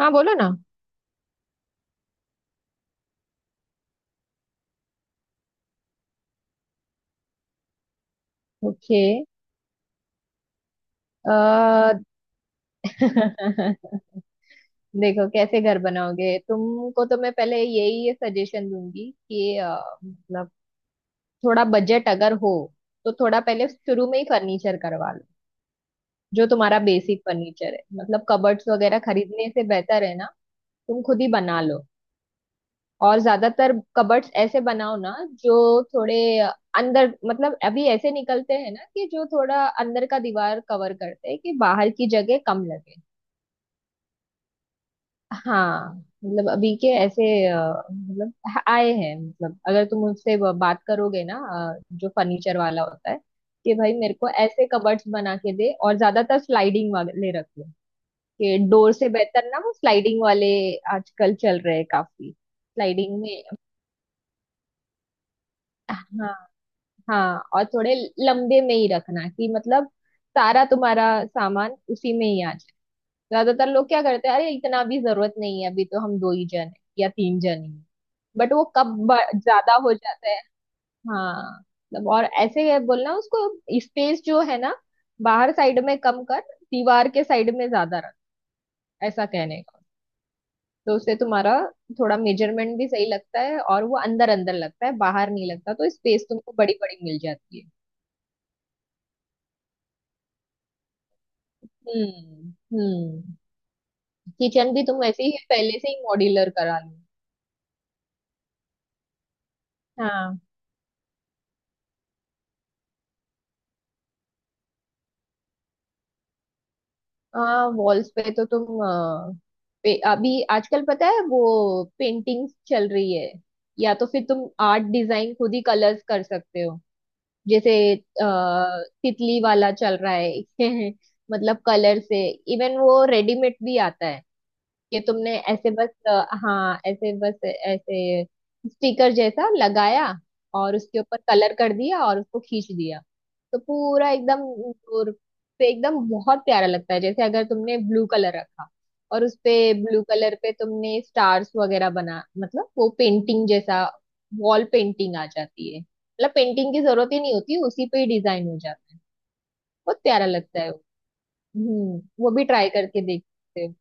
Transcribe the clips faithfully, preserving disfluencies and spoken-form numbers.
हाँ बोलो ना। ओके। आ, देखो कैसे घर बनाओगे तुमको तो मैं पहले यही सजेशन दूंगी कि अ, मतलब थोड़ा बजट अगर हो तो थोड़ा पहले शुरू में ही फर्नीचर करवा लो। जो तुम्हारा बेसिक फर्नीचर है मतलब कबर्ड्स वगैरह खरीदने से बेहतर है ना तुम खुद ही बना लो। और ज्यादातर कबर्ड्स ऐसे बनाओ ना जो थोड़े अंदर मतलब अभी ऐसे निकलते हैं ना कि जो थोड़ा अंदर का दीवार कवर करते हैं कि बाहर की जगह कम लगे। हाँ मतलब अभी के ऐसे अ, मतलब आए हैं मतलब अगर तुम उससे ब- बात करोगे ना अ, जो फर्नीचर वाला होता है कि भाई मेरे को ऐसे कबर्ड्स बना के दे और ज्यादातर स्लाइडिंग वाले रख लो। कि डोर से बेहतर ना वो स्लाइडिंग वाले आजकल चल रहे हैं काफी स्लाइडिंग में। हाँ हाँ और थोड़े लंबे में ही रखना कि मतलब सारा तुम्हारा सामान उसी में ही आ जाए। ज्यादातर लोग क्या करते हैं अरे इतना भी जरूरत नहीं है अभी तो हम दो ही जन हैं या तीन जन हैं, बट वो कब ब- ज्यादा हो जाता है। हाँ मतलब और ऐसे ही है बोलना उसको स्पेस जो है ना बाहर साइड में कम कर दीवार के साइड में ज्यादा रख ऐसा कहने का। तो उससे तुम्हारा थोड़ा मेजरमेंट भी सही लगता है और वो अंदर अंदर लगता है बाहर नहीं लगता तो स्पेस तुमको बड़ी बड़ी मिल जाती है। हम्म हम्म। किचन भी तुम ऐसे ही पहले से ही मॉड्यूलर करा लो। हाँ हाँ वॉल्स पे तो तुम अ, पे, अभी आजकल पता है वो पेंटिंग्स चल रही है या तो फिर तुम आर्ट डिजाइन खुद ही कलर्स कर सकते हो। जैसे अ, तितली वाला चल रहा है मतलब कलर से। इवन वो रेडीमेड भी आता है कि तुमने ऐसे बस अ, हाँ ऐसे बस ऐसे स्टिकर जैसा लगाया और उसके ऊपर कलर कर दिया और उसको खींच दिया तो पूरा एकदम दूर पे एकदम बहुत प्यारा लगता है। जैसे अगर तुमने ब्लू कलर रखा और उस पे ब्लू कलर पे तुमने स्टार्स वगैरह बना मतलब वो पेंटिंग जैसा वॉल पेंटिंग आ जाती है मतलब पेंटिंग की जरूरत ही नहीं होती उसी पे ही डिजाइन हो जाता है। बहुत प्यारा लगता है। हम्म वो भी ट्राई करके देखते हैं।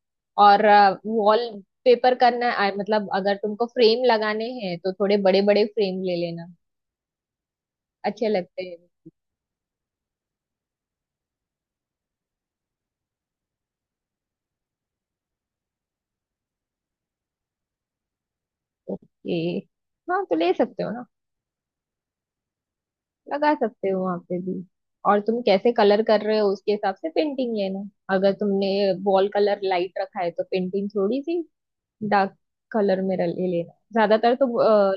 और वॉल पेपर करना है आ, मतलब अगर तुमको फ्रेम लगाने हैं तो थोड़े बड़े बड़े फ्रेम ले लेना अच्छे लगते हैं। ओके हाँ तो ले सकते हो ना लगा सकते हो वहां पे भी। और तुम कैसे कलर कर रहे हो उसके हिसाब से पेंटिंग लेना अगर तुमने वॉल कलर लाइट रखा है तो पेंटिंग थोड़ी सी डार्क कलर में ले लेना ज्यादातर तो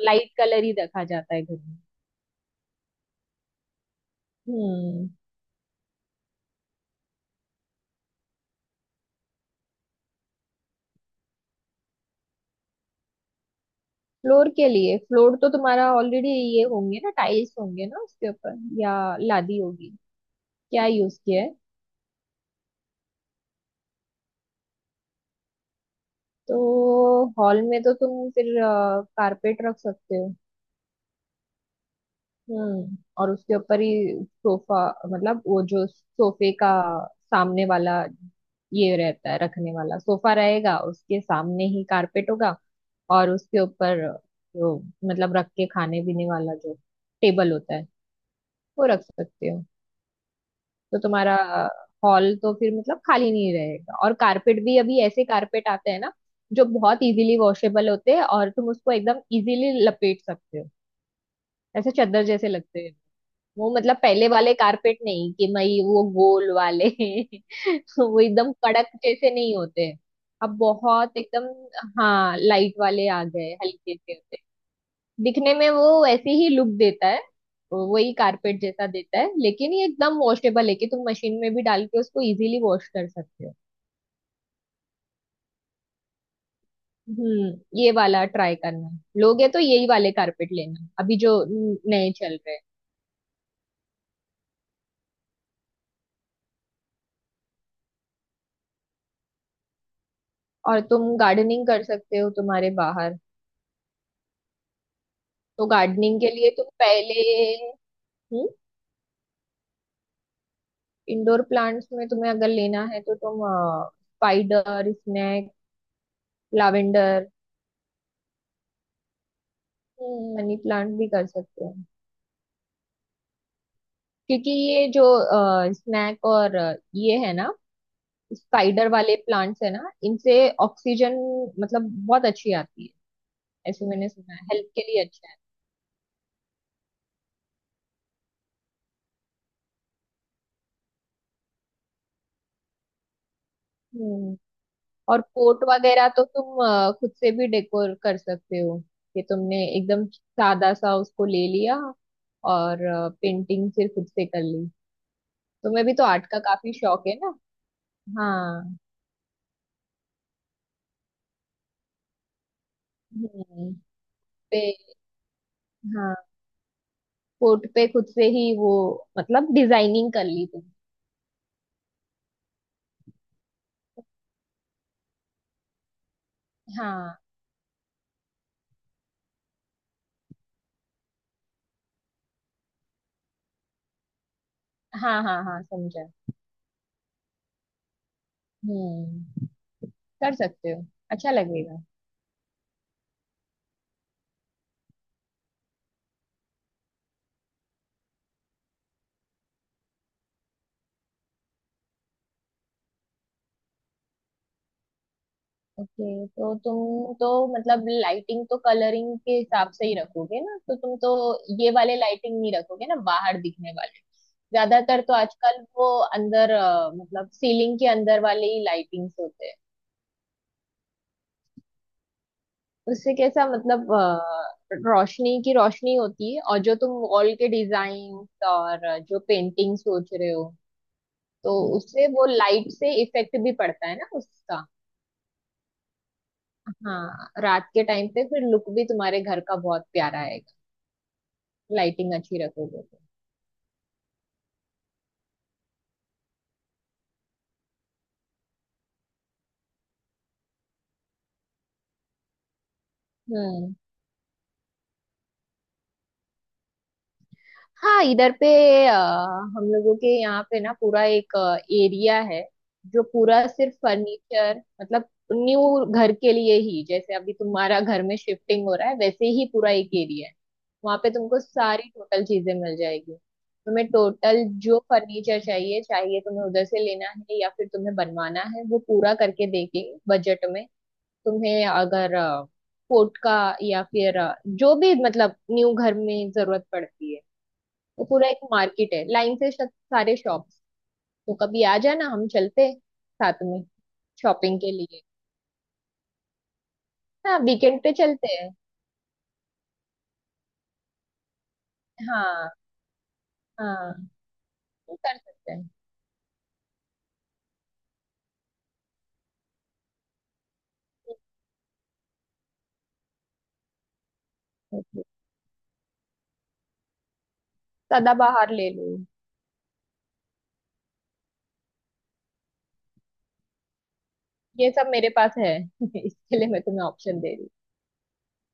लाइट कलर ही रखा जाता है घर में। हम्म फ्लोर के लिए फ्लोर तो तुम्हारा ऑलरेडी ये होंगे ना टाइल्स होंगे ना उसके ऊपर या लादी होगी क्या यूज किया है। तो हॉल में तो तुम फिर कारपेट रख सकते हो। हम्म और उसके ऊपर ही सोफा मतलब वो जो सोफे का सामने वाला ये रहता है रखने वाला सोफा रहेगा उसके सामने ही कारपेट होगा। और उसके ऊपर जो मतलब रख के खाने पीने वाला जो टेबल होता है वो रख सकते हो। तो तुम्हारा हॉल तो फिर मतलब खाली नहीं रहेगा और कारपेट भी अभी ऐसे कारपेट आते हैं ना जो बहुत इजीली वॉशेबल होते हैं और तुम उसको एकदम इजीली लपेट सकते हो। ऐसे चादर जैसे लगते हैं। वो मतलब पहले वाले कारपेट नहीं कि भाई वो गोल वाले वो एकदम कड़क जैसे नहीं होते अब बहुत एकदम हाँ लाइट वाले आ गए हल्के से होते हैं। दिखने में वो वैसे ही लुक देता है वही कारपेट जैसा देता है लेकिन ये एकदम वॉशेबल है कि तुम मशीन में भी डाल के उसको इजीली वॉश कर सकते हो। हम्म ये वाला ट्राई करना लोगे तो यही वाले कारपेट लेना अभी जो न- नए चल रहे हैं। और तुम गार्डनिंग कर सकते हो तुम्हारे बाहर। तो गार्डनिंग के लिए तुम पहले हम्म इंडोर प्लांट्स में तुम्हें अगर लेना है तो तुम spider snake lavender money plant भी कर सकते हो क्योंकि ये जो स्नैक और अ, ये है ना स्पाइडर वाले प्लांट्स है ना इनसे ऑक्सीजन मतलब बहुत अच्छी आती है। ऐसे मैंने सुना है हेल्थ के लिए अच्छा है। हम्म और कोट वगैरह तो तुम अ, खुद से भी डेकोर कर सकते हो कि तुमने एकदम सादा सा उसको ले लिया और पेंटिंग फिर खुद से कर ली। तुम्हें भी तो आर्ट का काफी शौक है ना। हाँ हम्म पे हाँ कोट पे खुद से ही वो मतलब डिजाइनिंग कर ली तुम। हाँ हाँ हाँ हाँ समझा। हम्म कर सकते हो अच्छा लगेगा। ओके तो तुम तो मतलब लाइटिंग तो कलरिंग के हिसाब से ही रखोगे ना तो तुम तो ये वाले लाइटिंग नहीं रखोगे ना बाहर दिखने वाले। ज्यादातर तो आजकल वो अंदर अ, मतलब सीलिंग के अंदर वाले ही लाइटिंग्स होते हैं उससे कैसा मतलब अ, रोशनी की रोशनी होती है और जो तुम वॉल के डिजाइन और जो पेंटिंग सोच रहे हो तो उससे वो लाइट से इफेक्ट भी पड़ता है ना उसका। हाँ रात के टाइम पे फिर लुक भी तुम्हारे घर का बहुत प्यारा आएगा लाइटिंग अच्छी रखोगे तो। हम्म हाँ इधर पे अ, हम लोगों के यहाँ पे ना पूरा एक एरिया है जो पूरा सिर्फ फर्नीचर मतलब न्यू घर के लिए ही जैसे अभी तुम्हारा घर में शिफ्टिंग हो रहा है वैसे ही पूरा एक एरिया है। वहाँ पे तुमको सारी टोटल चीजें मिल जाएगी। तुम्हें टोटल जो फर्नीचर चाहिए चाहिए तुम्हें उधर से लेना है या फिर तुम्हें बनवाना है वो पूरा करके देंगे बजट में। तुम्हें अगर कोट का या फिर अ, जो भी मतलब न्यू घर में जरूरत पड़ती है वो पूरा एक मार्केट है लाइन से श- सारे शॉप्स। तो कभी आ जाना हम चलते हैं साथ में शॉपिंग के लिए। हाँ वीकेंड पे चलते हैं। हाँ हाँ वो कर सकते हैं। सदाबहार ले लो। ये सब मेरे पास है इसके लिए मैं तुम्हें ऑप्शन दे रही हूँ।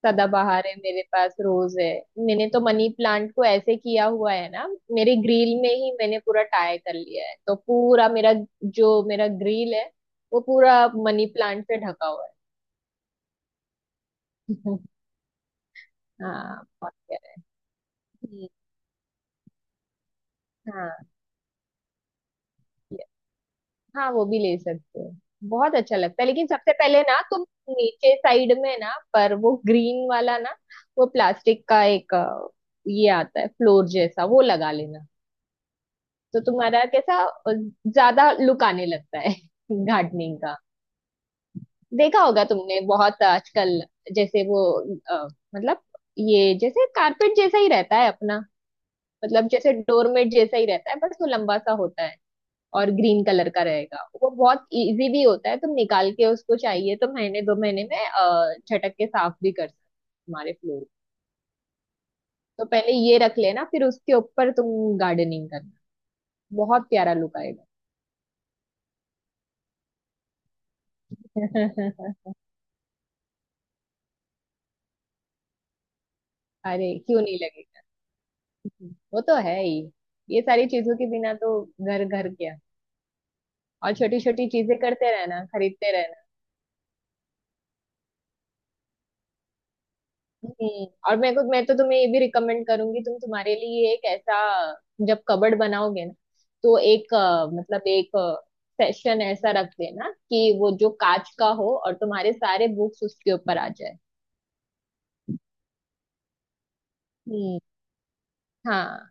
सदाबहार है मेरे पास रोज है। मैंने तो मनी प्लांट को ऐसे किया हुआ है ना मेरे ग्रिल में ही मैंने पूरा टाई कर लिया है तो पूरा मेरा जो मेरा ग्रिल है वो पूरा मनी प्लांट से ढका हुआ है। हाँ बहुत प्यारा है। हम्म। हाँ ये- हाँ वो भी ले सकते हो। बहुत अच्छा लगता है लेकिन सबसे पहले ना तुम नीचे साइड में ना पर वो ग्रीन वाला ना वो प्लास्टिक का एक अ, ये आता है फ्लोर जैसा वो लगा लेना। तो तुम्हारा कैसा अ, ज्यादा लुक आने लगता है गार्डनिंग का। देखा होगा तुमने बहुत आजकल जैसे वो अ, मतलब ये जैसे कारपेट जैसा ही रहता है अपना मतलब जैसे डोरमेट जैसा ही रहता है बस वो लंबा सा होता है और ग्रीन कलर का रहेगा वो बहुत इजी भी होता है तुम निकाल के उसको चाहिए तो महीने दो महीने में अ, झटक के साफ भी कर सकते हो तुम्हारे फ्लोर। तो पहले ये रख लेना फिर उसके ऊपर तुम गार्डनिंग करना बहुत प्यारा लुक आएगा। अरे क्यों नहीं लगेगा। वो तो है ही ये सारी चीजों के बिना तो घर घर क्या। और छोटी छोटी चीजें करते रहना खरीदते रहना। हम्म और मेरे को मैं तो तुम्हें ये भी रिकमेंड करूंगी तुम तुम्हारे लिए एक ऐसा जब कबर्ड बनाओगे ना तो एक अ, मतलब एक सेशन ऐसा रख देना कि वो जो कांच का हो और तुम्हारे सारे बुक्स उसके ऊपर आ जाए। हम्म हाँ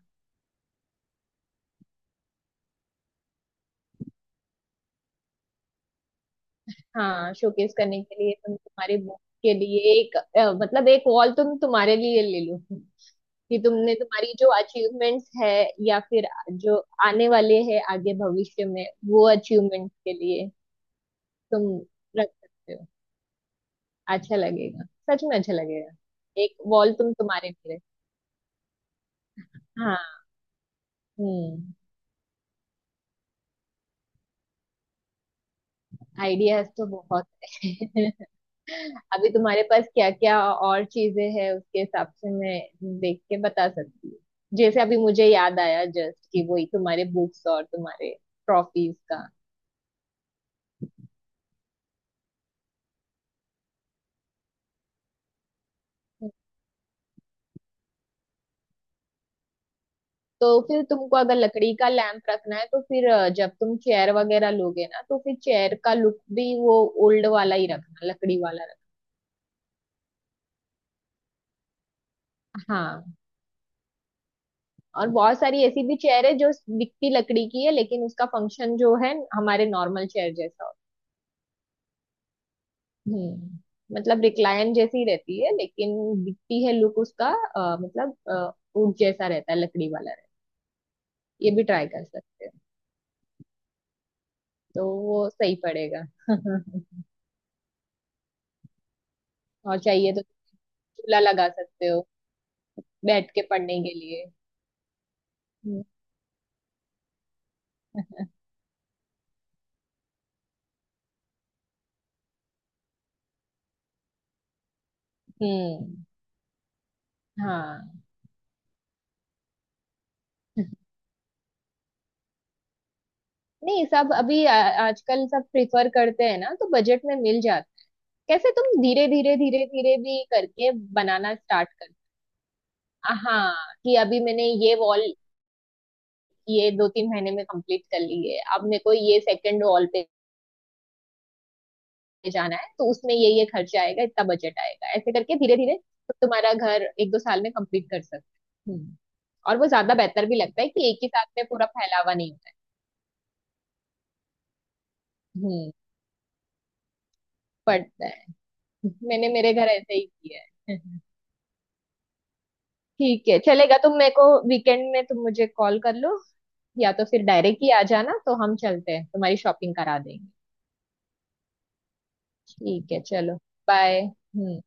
हाँ शोकेस करने के लिए तुम तुम्हारे बुक के लिए एक अ, मतलब एक वॉल तुम तुम्हारे लिए ले लो कि तुमने तुम्हारी जो अचीवमेंट्स है या फिर जो आने वाले हैं आगे भविष्य में वो अचीवमेंट्स के लिए तुम रख सकते हो। अच्छा लगेगा सच में अच्छा लगेगा। एक वॉल तुम तुम्हारे लिए रख- हाँ हम्म आइडियाज तो बहुत है अभी तुम्हारे पास क्या क्या और चीजें हैं उसके हिसाब से मैं देख के बता सकती हूँ। जैसे अभी मुझे याद आया जस्ट कि वही तुम्हारे बुक्स और तुम्हारे ट्रॉफीज का। तो फिर तुमको अगर लकड़ी का लैंप रखना है तो फिर अ, जब तुम चेयर वगैरह लोगे ना तो फिर चेयर का लुक भी वो ओल्ड वाला ही रखना लकड़ी वाला रखना हाँ। और बहुत सारी ऐसी भी चेयर है जो दिखती लकड़ी की है लेकिन उसका फंक्शन जो है हमारे नॉर्मल चेयर जैसा होता है। हम्म मतलब रिक्लाइन जैसी रहती है लेकिन दिखती है लुक उसका अ, मतलब अ, ऊंट जैसा रहता है लकड़ी वाला रहता है ये भी ट्राई कर सकते हो। तो वो सही पड़ेगा। और चाहिए तो चूल्हा लगा सकते हो बैठ के पढ़ने के लिए। हम्म हम्म, हाँ नहीं सब अभी आ- आजकल सब प्रिफर करते हैं ना तो बजट में मिल जाता। कैसे तुम धीरे धीरे धीरे धीरे भी करके बनाना स्टार्ट कर हाँ कि अभी मैंने ये वॉल ये दो तीन महीने में कंप्लीट कर ली है अब मेरे को ये सेकंड वॉल पे जाना है तो उसमें ये ये खर्चा आएगा इतना बजट आएगा ऐसे करके धीरे धीरे तो तुम्हारा घर एक दो साल में कंप्लीट कर सकते हैं। हम्म और वो ज्यादा बेहतर भी लगता है कि एक ही साथ में पूरा फैलावा नहीं होता है। हम्म पड़ता है। मैंने मेरे घर ऐसे ही किया है। ठीक है चलेगा तुम मेरे को वीकेंड में तुम मुझे कॉल कर लो या तो फिर डायरेक्ट ही आ जाना तो हम चलते हैं तुम्हारी शॉपिंग करा देंगे। ठीक है चलो बाय। हम्म।